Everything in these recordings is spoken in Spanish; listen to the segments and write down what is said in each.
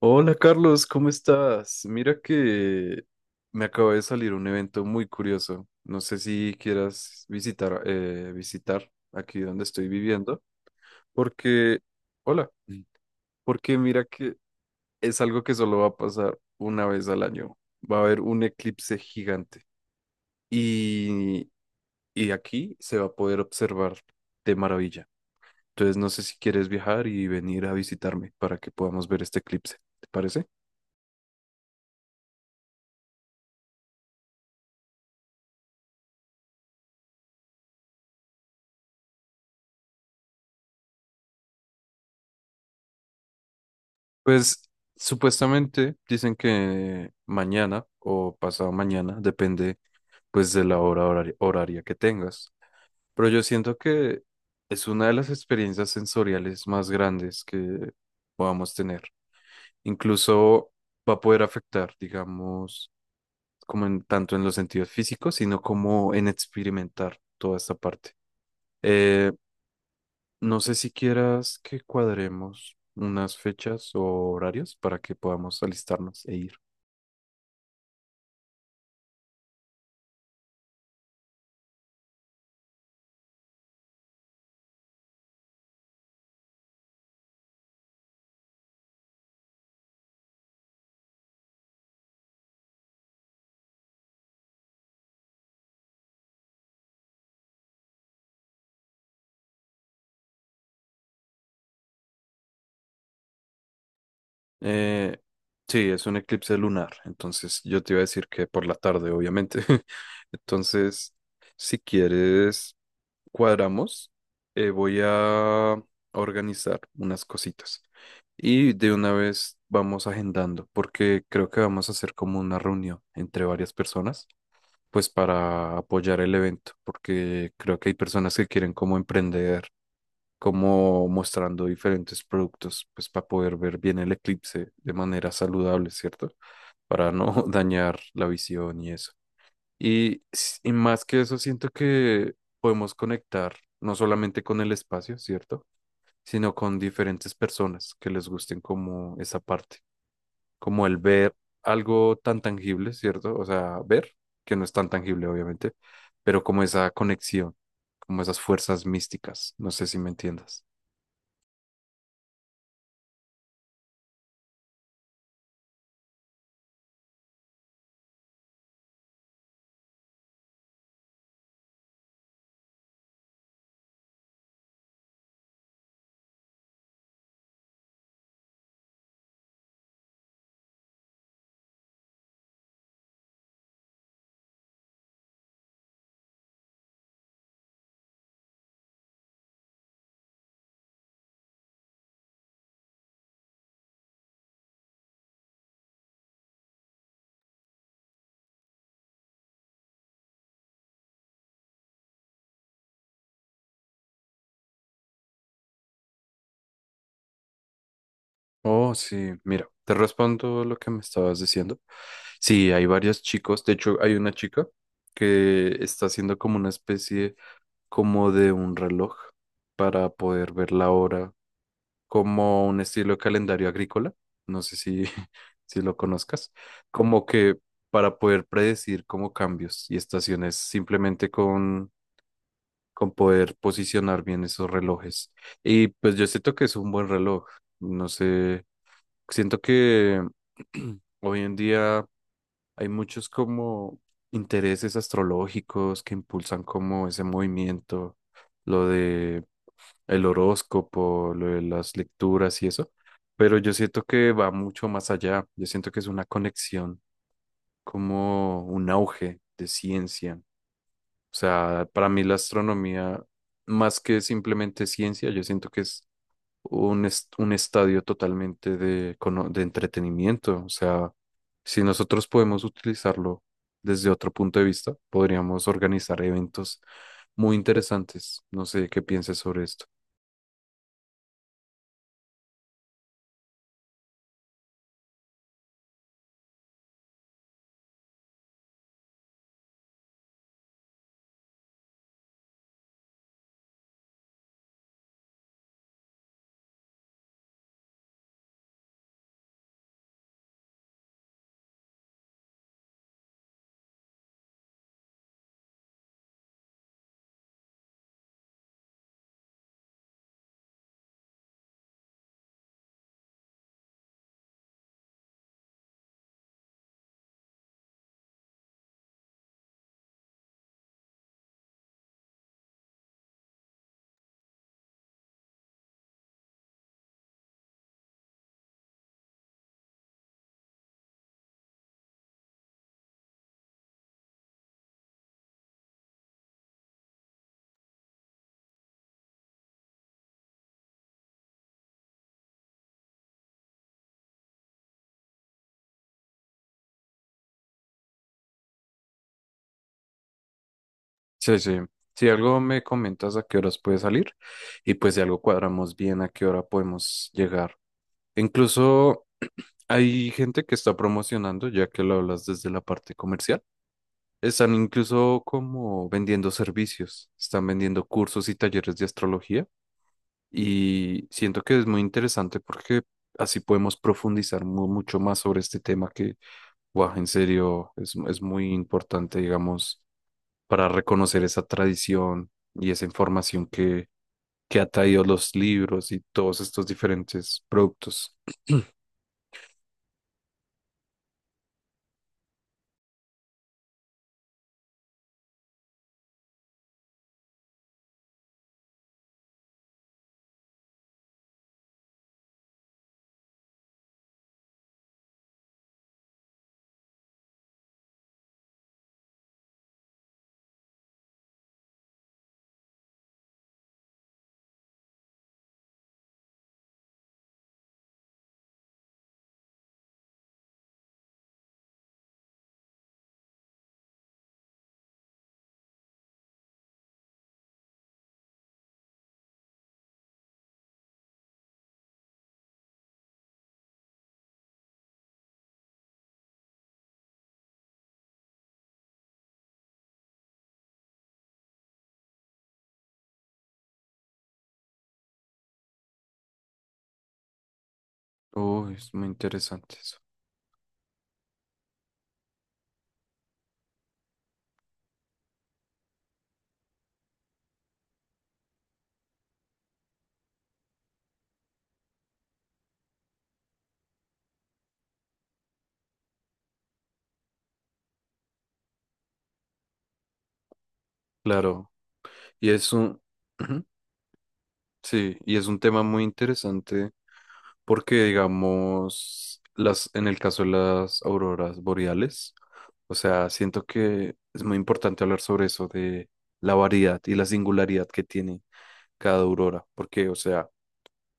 Hola Carlos, ¿cómo estás? Mira que me acaba de salir un evento muy curioso. No sé si quieras visitar, visitar aquí donde estoy viviendo, porque, hola. Mm. Porque mira que es algo que solo va a pasar una vez al año. Va a haber un eclipse gigante y, y aquí se va a poder observar de maravilla. Entonces no sé si quieres viajar y venir a visitarme para que podamos ver este eclipse. ¿Te parece? Pues supuestamente dicen que mañana o pasado mañana, depende pues de la horaria que tengas. Pero yo siento que es una de las experiencias sensoriales más grandes que podamos tener. Incluso va a poder afectar, digamos, como en, tanto en los sentidos físicos, sino como en experimentar toda esta parte. Eh, no sé si quieras que cuadremos unas fechas o horarios para que podamos alistarnos e ir. Eh, sí, es un eclipse lunar, entonces yo te iba a decir que por la tarde, obviamente. Entonces, si quieres, cuadramos. Voy a organizar unas cositas y de una vez vamos agendando, porque creo que vamos a hacer como una reunión entre varias personas, pues para apoyar el evento, porque creo que hay personas que quieren como emprender como mostrando diferentes productos, pues para poder ver bien el eclipse de manera saludable, ¿cierto? Para no dañar la visión y eso. Y, y más que eso, siento que podemos conectar no solamente con el espacio, ¿cierto? Sino con diferentes personas que les gusten como esa parte, como el ver algo tan tangible, ¿cierto? O sea, ver, que no es tan tangible, obviamente, pero como esa conexión, como esas fuerzas místicas, no sé si me entiendas. Oh, sí, mira, te respondo lo que me estabas diciendo. Sí, hay varios chicos, de hecho hay una chica que está haciendo como una especie como de un reloj para poder ver la hora, como un estilo de calendario agrícola, no sé si, si lo conozcas, como que para poder predecir como cambios y estaciones simplemente con poder posicionar bien esos relojes. Y pues yo siento que es un buen reloj, no sé. Siento que hoy en día hay muchos como intereses astrológicos que impulsan como ese movimiento, lo de el horóscopo, lo de las lecturas y eso, pero yo siento que va mucho más allá. Yo siento que es una conexión, como un auge de ciencia. O sea, para mí la astronomía, más que simplemente ciencia, yo siento que es un estadio totalmente de, de entretenimiento. O sea, si nosotros podemos utilizarlo desde otro punto de vista, podríamos organizar eventos muy interesantes. No sé qué pienses sobre esto. Sí, sí. Si algo me comentas a qué horas puede salir y pues si algo cuadramos bien a qué hora podemos llegar. Incluso hay gente que está promocionando, ya que lo hablas desde la parte comercial. Están incluso como vendiendo servicios, están vendiendo cursos y talleres de astrología y siento que es muy interesante porque así podemos profundizar mucho más sobre este tema que, guau, en serio, es muy importante, digamos, para reconocer esa tradición y esa información que ha traído los libros y todos estos diferentes productos. Oh, es muy interesante eso. Claro, y es un… Ujú. Sí, y es un tema muy interesante. Porque, digamos, las, en el caso de las auroras boreales, o sea, siento que es muy importante hablar sobre eso, de la variedad y la singularidad que tiene cada aurora, porque, o sea,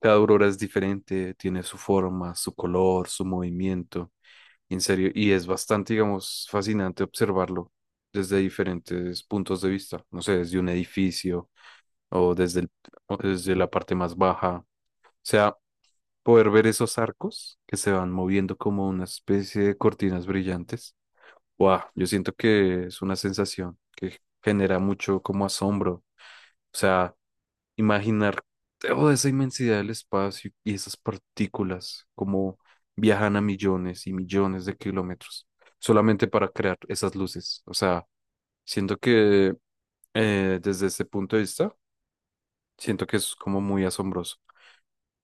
cada aurora es diferente, tiene su forma, su color, su movimiento, en serio, y es bastante, digamos, fascinante observarlo desde diferentes puntos de vista, no sé, desde un edificio o desde el- o desde la parte más baja. O sea, poder ver esos arcos que se van moviendo como una especie de cortinas brillantes. Wow, yo siento que es una sensación que genera mucho como asombro. O sea, imaginar toda esa inmensidad del espacio y esas partículas como viajan a millones y millones de kilómetros solamente para crear esas luces. O sea, siento que desde ese punto de vista, siento que es como muy asombroso.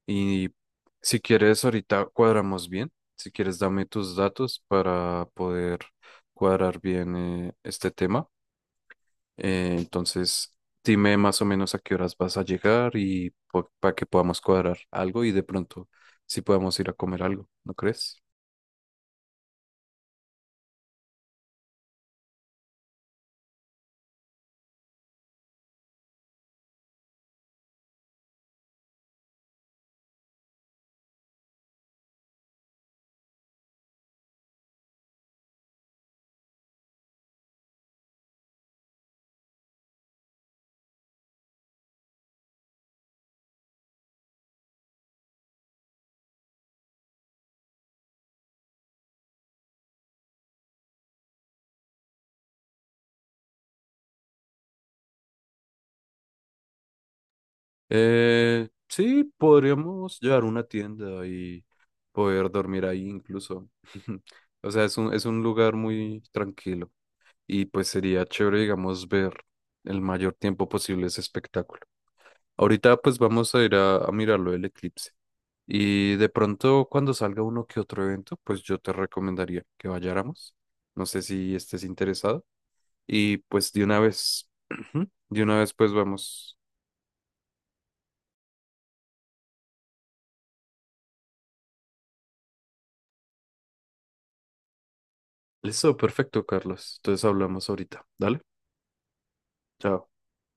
Y si quieres, ahorita cuadramos bien. Si quieres, dame tus datos para poder cuadrar bien este tema. Entonces, dime más o menos a qué horas vas a llegar y para que podamos cuadrar algo y de pronto si podamos ir a comer algo, ¿no crees? Sí, podríamos llevar una tienda y poder dormir ahí incluso. O sea, es un lugar muy tranquilo. Y pues sería chévere, digamos, ver el mayor tiempo posible ese espectáculo. Ahorita pues vamos a ir a mirarlo el eclipse y de pronto cuando salga uno que otro evento, pues yo te recomendaría que vayáramos. No sé si estés interesado y pues de una vez, de una vez pues vamos. Listo, perfecto, Carlos. Entonces hablamos ahorita. Dale, chao.